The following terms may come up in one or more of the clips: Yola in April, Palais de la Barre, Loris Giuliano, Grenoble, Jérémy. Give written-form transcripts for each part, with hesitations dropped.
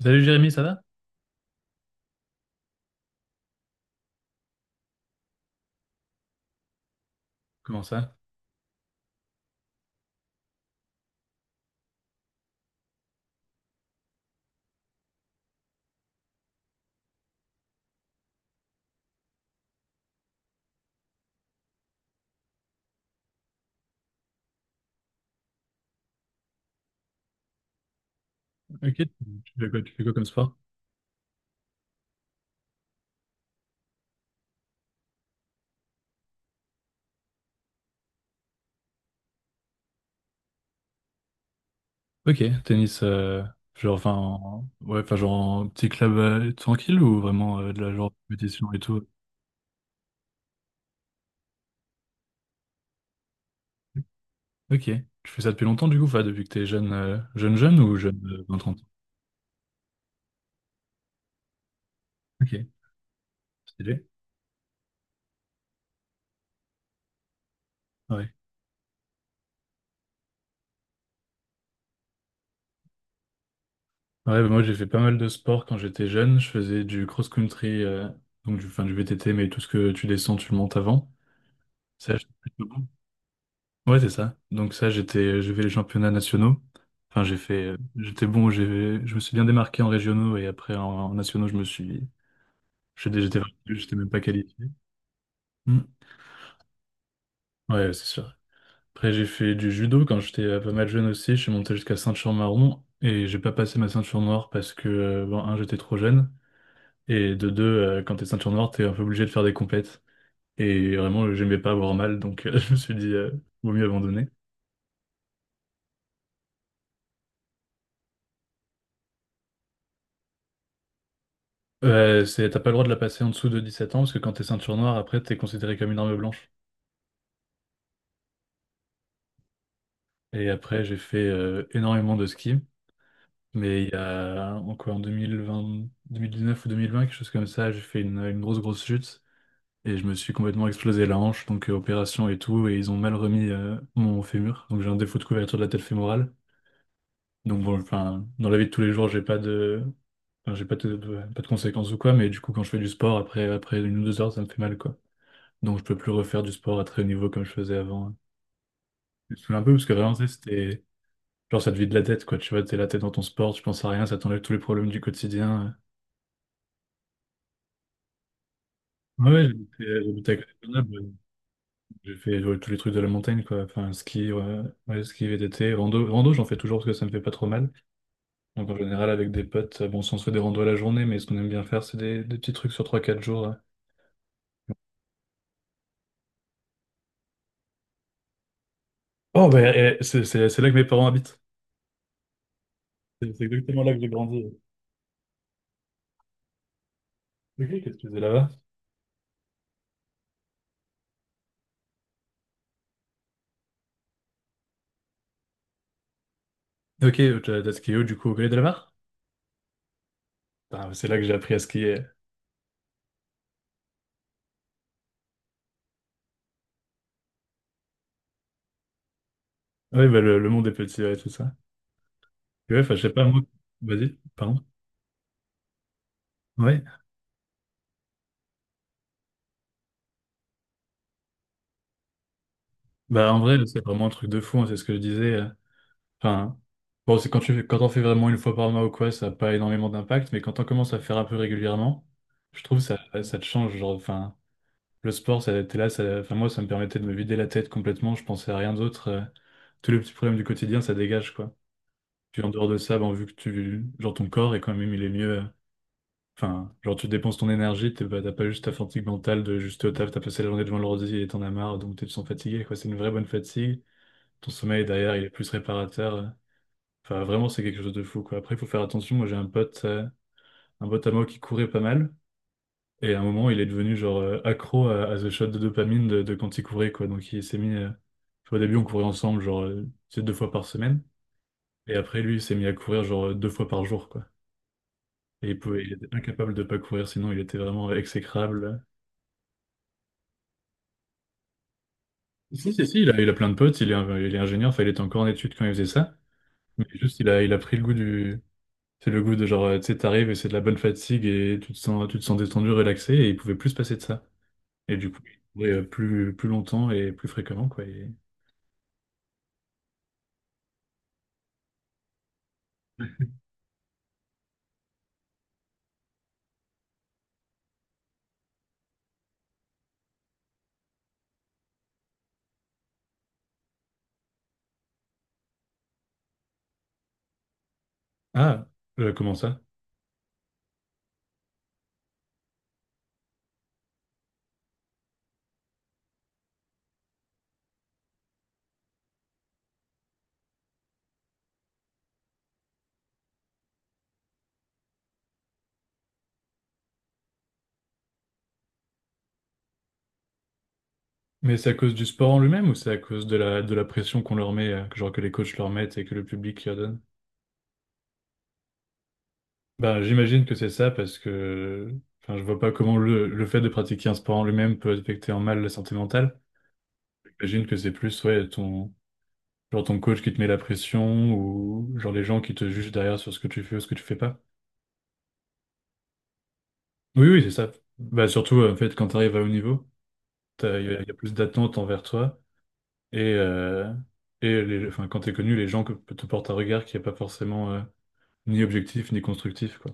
Salut Jérémy, ça va? Comment ça? Ok, tu fais quoi comme sport? Ok, tennis, genre, enfin, ouais, enfin, genre, en petit club tranquille ou vraiment de la genre compétition et tout? Ok, tu fais ça depuis longtemps du coup, enfin, depuis que t'es jeune, jeune, jeune ou jeune de 20-30 ans? Ok, stylé. Ouais. Ouais, bah, moi j'ai fait pas mal de sport quand j'étais jeune. Je faisais du cross-country, donc enfin, du VTT, mais tout ce que tu descends, tu le montes avant. Ça, je- ouais, c'est ça. Donc ça, j'ai fait les championnats nationaux. Enfin, j'étais bon, je me suis bien démarqué en régionaux et après en nationaux, je me suis, j'étais, j'étais j'étais même pas qualifié. Hmm. Ouais, c'est sûr. Après, j'ai fait du judo quand j'étais pas mal jeune aussi. Je suis monté jusqu'à ceinture marron et j'ai pas passé ma ceinture noire parce que, bon, un, j'étais trop jeune et de deux, quand t'es ceinture noire, t'es un peu obligé de faire des compètes. Et vraiment, j'aimais pas avoir mal, donc je me suis dit, vaut mieux abandonner. T'as pas le droit de la passer en dessous de 17 ans parce que quand t'es ceinture noire, après t'es considéré comme une arme blanche. Et après j'ai fait énormément de ski, mais il y a en quoi, en 2020, 2019 ou 2020, quelque chose comme ça, j'ai fait une grosse grosse chute et je me suis complètement explosé la hanche, donc opération et tout, et ils ont mal remis mon fémur, donc j'ai un défaut de couverture de la tête fémorale. Donc bon, enfin, dans la vie de tous les jours, j'ai pas de, enfin, j'ai pas de, pas de conséquences ou quoi, mais du coup quand je fais du sport, après une ou deux heures, ça me fait mal quoi. Donc, je peux plus refaire du sport à très haut niveau comme je faisais avant. Je me saoule un peu parce que vraiment, tu sais, c'était. Genre, ça te vide la tête, quoi. Tu vois, t'es la tête dans ton sport, tu penses à rien, ça t'enlève tous les problèmes du quotidien. Ouais, ouais, j'habitais à côté de Grenoble. J'ai fait ouais, tous les trucs de la montagne, quoi. Enfin, ski, ouais, ouais, ski, VTT, rando. Rando, j'en fais toujours parce que ça me fait pas trop mal. Donc, en général, avec des potes, bon, si on se fait des randos à la journée, mais ce qu'on aime bien faire, c'est des petits trucs sur trois quatre jours. Ouais. Oh, bah, eh, c'est là que mes parents habitent. C'est exactement là que j'ai grandi. Ok, qu'est-ce que tu faisais là-bas? Ok, t'as skié où, du coup, au Palais de la Barre. Ah, c'est là que j'ai appris à skier. Oui, bah, le monde est petit, ouais, tout ça. Et ouais, enfin, je sais pas, moi. Vas-y, pardon. Ouais. Bah, en vrai, c'est vraiment un truc de fou, hein, c'est ce que je disais. Enfin, bon, c'est quand on fait vraiment une fois par mois ou quoi, ça n'a pas énormément d'impact, mais quand on commence à faire un peu régulièrement, je trouve ça, ça te change. Genre, enfin, le sport, ça, t'es là, ça, enfin, moi, ça me permettait de me vider la tête complètement, je pensais à rien d'autre. Tous les petits problèmes du quotidien, ça dégage, quoi. Puis en dehors de ça, bon, vu que tu, genre, ton corps est quand même, il est mieux. Enfin, genre tu dépenses ton énergie, t'as pas juste ta fatigue mentale de juste au taf, t'as passé la journée devant l'ordi et t'en as marre, donc tu te sens fatigué, quoi. C'est une vraie bonne fatigue. Ton sommeil derrière, il est plus réparateur. Enfin, vraiment, c'est quelque chose de fou, quoi. Après, il faut faire attention. Moi, j'ai un pote, à moi qui courait pas mal. Et à un moment, il est devenu genre accro à ce shot de dopamine de quand il courait, quoi. Donc il s'est mis. Tu vois, au début, on courait ensemble, genre tu sais, deux fois par semaine. Et après, lui, il s'est mis à courir genre deux fois par jour, quoi. Et il était incapable de pas courir, sinon il était vraiment exécrable. Si, si, si, il a plein de potes, il est ingénieur, enfin, il était encore en études quand il faisait ça. Mais juste, il a pris le goût du. C'est le goût de genre, tu sais, t'arrives et c'est de la bonne fatigue et tu te sens détendu, relaxé et il pouvait plus se passer de ça. Et du coup, il courait, plus, plus longtemps et plus fréquemment, quoi. Ah, comment ça? Mais c'est à cause du sport en lui-même ou c'est à cause de la pression qu'on leur met, que genre que les coachs leur mettent et que le public leur donne? Ben, j'imagine que c'est ça parce que, enfin, je vois pas comment le fait de pratiquer un sport en lui-même peut affecter en mal la santé mentale. J'imagine que c'est plus ouais, genre ton coach qui te met la pression ou genre les gens qui te jugent derrière sur ce que tu fais ou ce que tu fais pas. Oui, oui, c'est ça. Bah, surtout, en fait, quand tu arrives à haut niveau, il y a plus d'attentes envers toi et, euh, et enfin, quand tu es connu, les gens te portent un regard qui n'est pas forcément ni objectif ni constructif, quoi.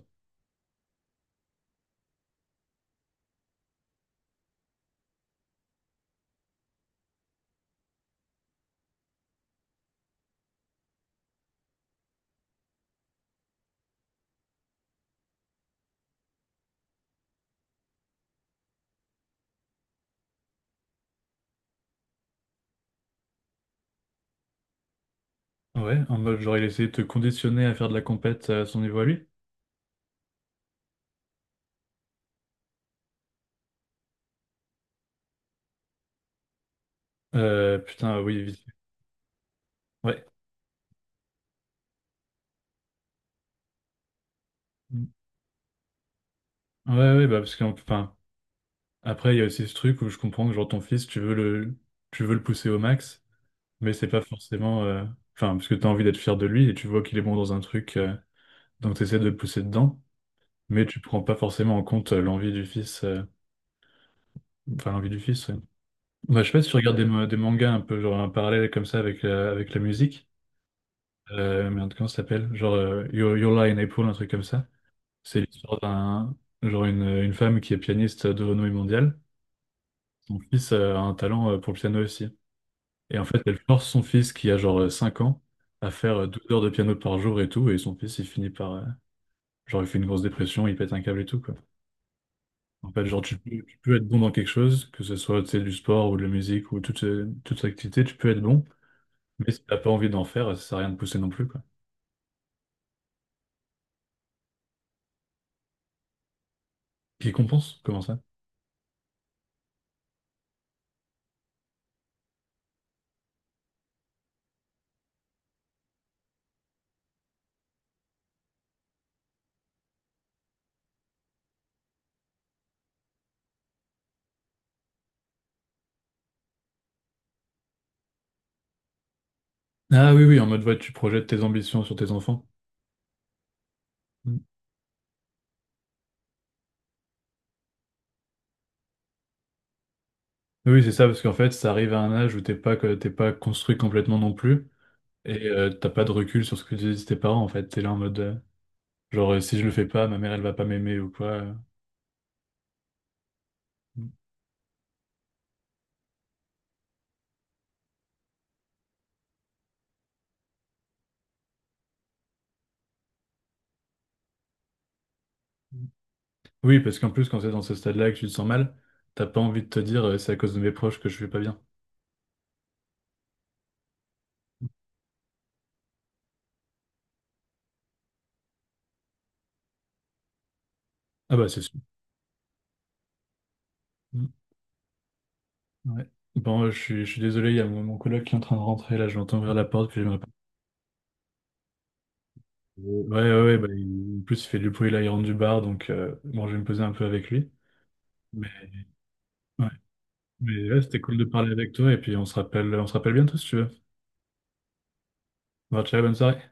Ouais, en mode genre il essaie de te conditionner à faire de la compète à son niveau à lui. Putain, oui, vite. Ouais. Ouais, ouais, bah parce que, après, il y a aussi ce truc où je comprends que genre ton fils, tu veux le pousser au max, mais c'est pas forcément, enfin, parce que tu as envie d'être fier de lui et tu vois qu'il est bon dans un truc, donc tu essaies de le pousser dedans, mais tu prends pas forcément en compte l'envie du fils, enfin l'envie du fils. Ouais. Bah, je sais pas si tu regardes des mangas un peu genre un parallèle comme ça avec la musique, merde, comment ça s'appelle? Genre Yola in April, un truc comme ça. C'est l'histoire d'un genre une femme qui est pianiste de renommée mondiale. Son fils a un talent pour le piano aussi. Et en fait, elle force son fils qui a genre 5 ans à faire 12 heures de piano par jour et tout. Et son fils, il finit par. Genre, il fait une grosse dépression, il pète un câble et tout, quoi. En fait, genre, tu peux être bon dans quelque chose, que ce soit, tu sais, du sport ou de la musique ou toute activité, tu peux être bon. Mais si t'as pas envie d'en faire, ça sert à rien de pousser non plus, quoi. Qui compense? Comment ça? Ah oui, oui, en mode, ouais, tu projettes tes ambitions sur tes enfants. Mm. Oui, c'est ça, parce qu'en fait, ça arrive à un âge où t'es pas construit complètement non plus. Et t'as pas de recul sur ce que disent tes parents, en fait. T'es là en mode. Genre, si je le fais pas, ma mère, elle va pas m'aimer ou quoi. Oui, parce qu'en plus, quand c'est dans ce stade-là et que tu te sens mal, t'as pas envie de te dire, c'est à cause de mes proches que je vais pas bien. Ah bah, c'est sûr. Mm, ouais. Bon, je suis désolé, il y a mon coloc qui est en train de rentrer, là, je l'entends ouvrir la porte, puis j'aimerais pas. Ouais, ouais, ouais, bah, en plus, il fait du bruit, là, il rentre du bar, donc bon, je vais me poser un peu avec lui. Mais ouais, mais ouais, c'était cool de parler avec toi, et puis on se rappelle bientôt, si tu veux. Bon, ciao, bonne soirée.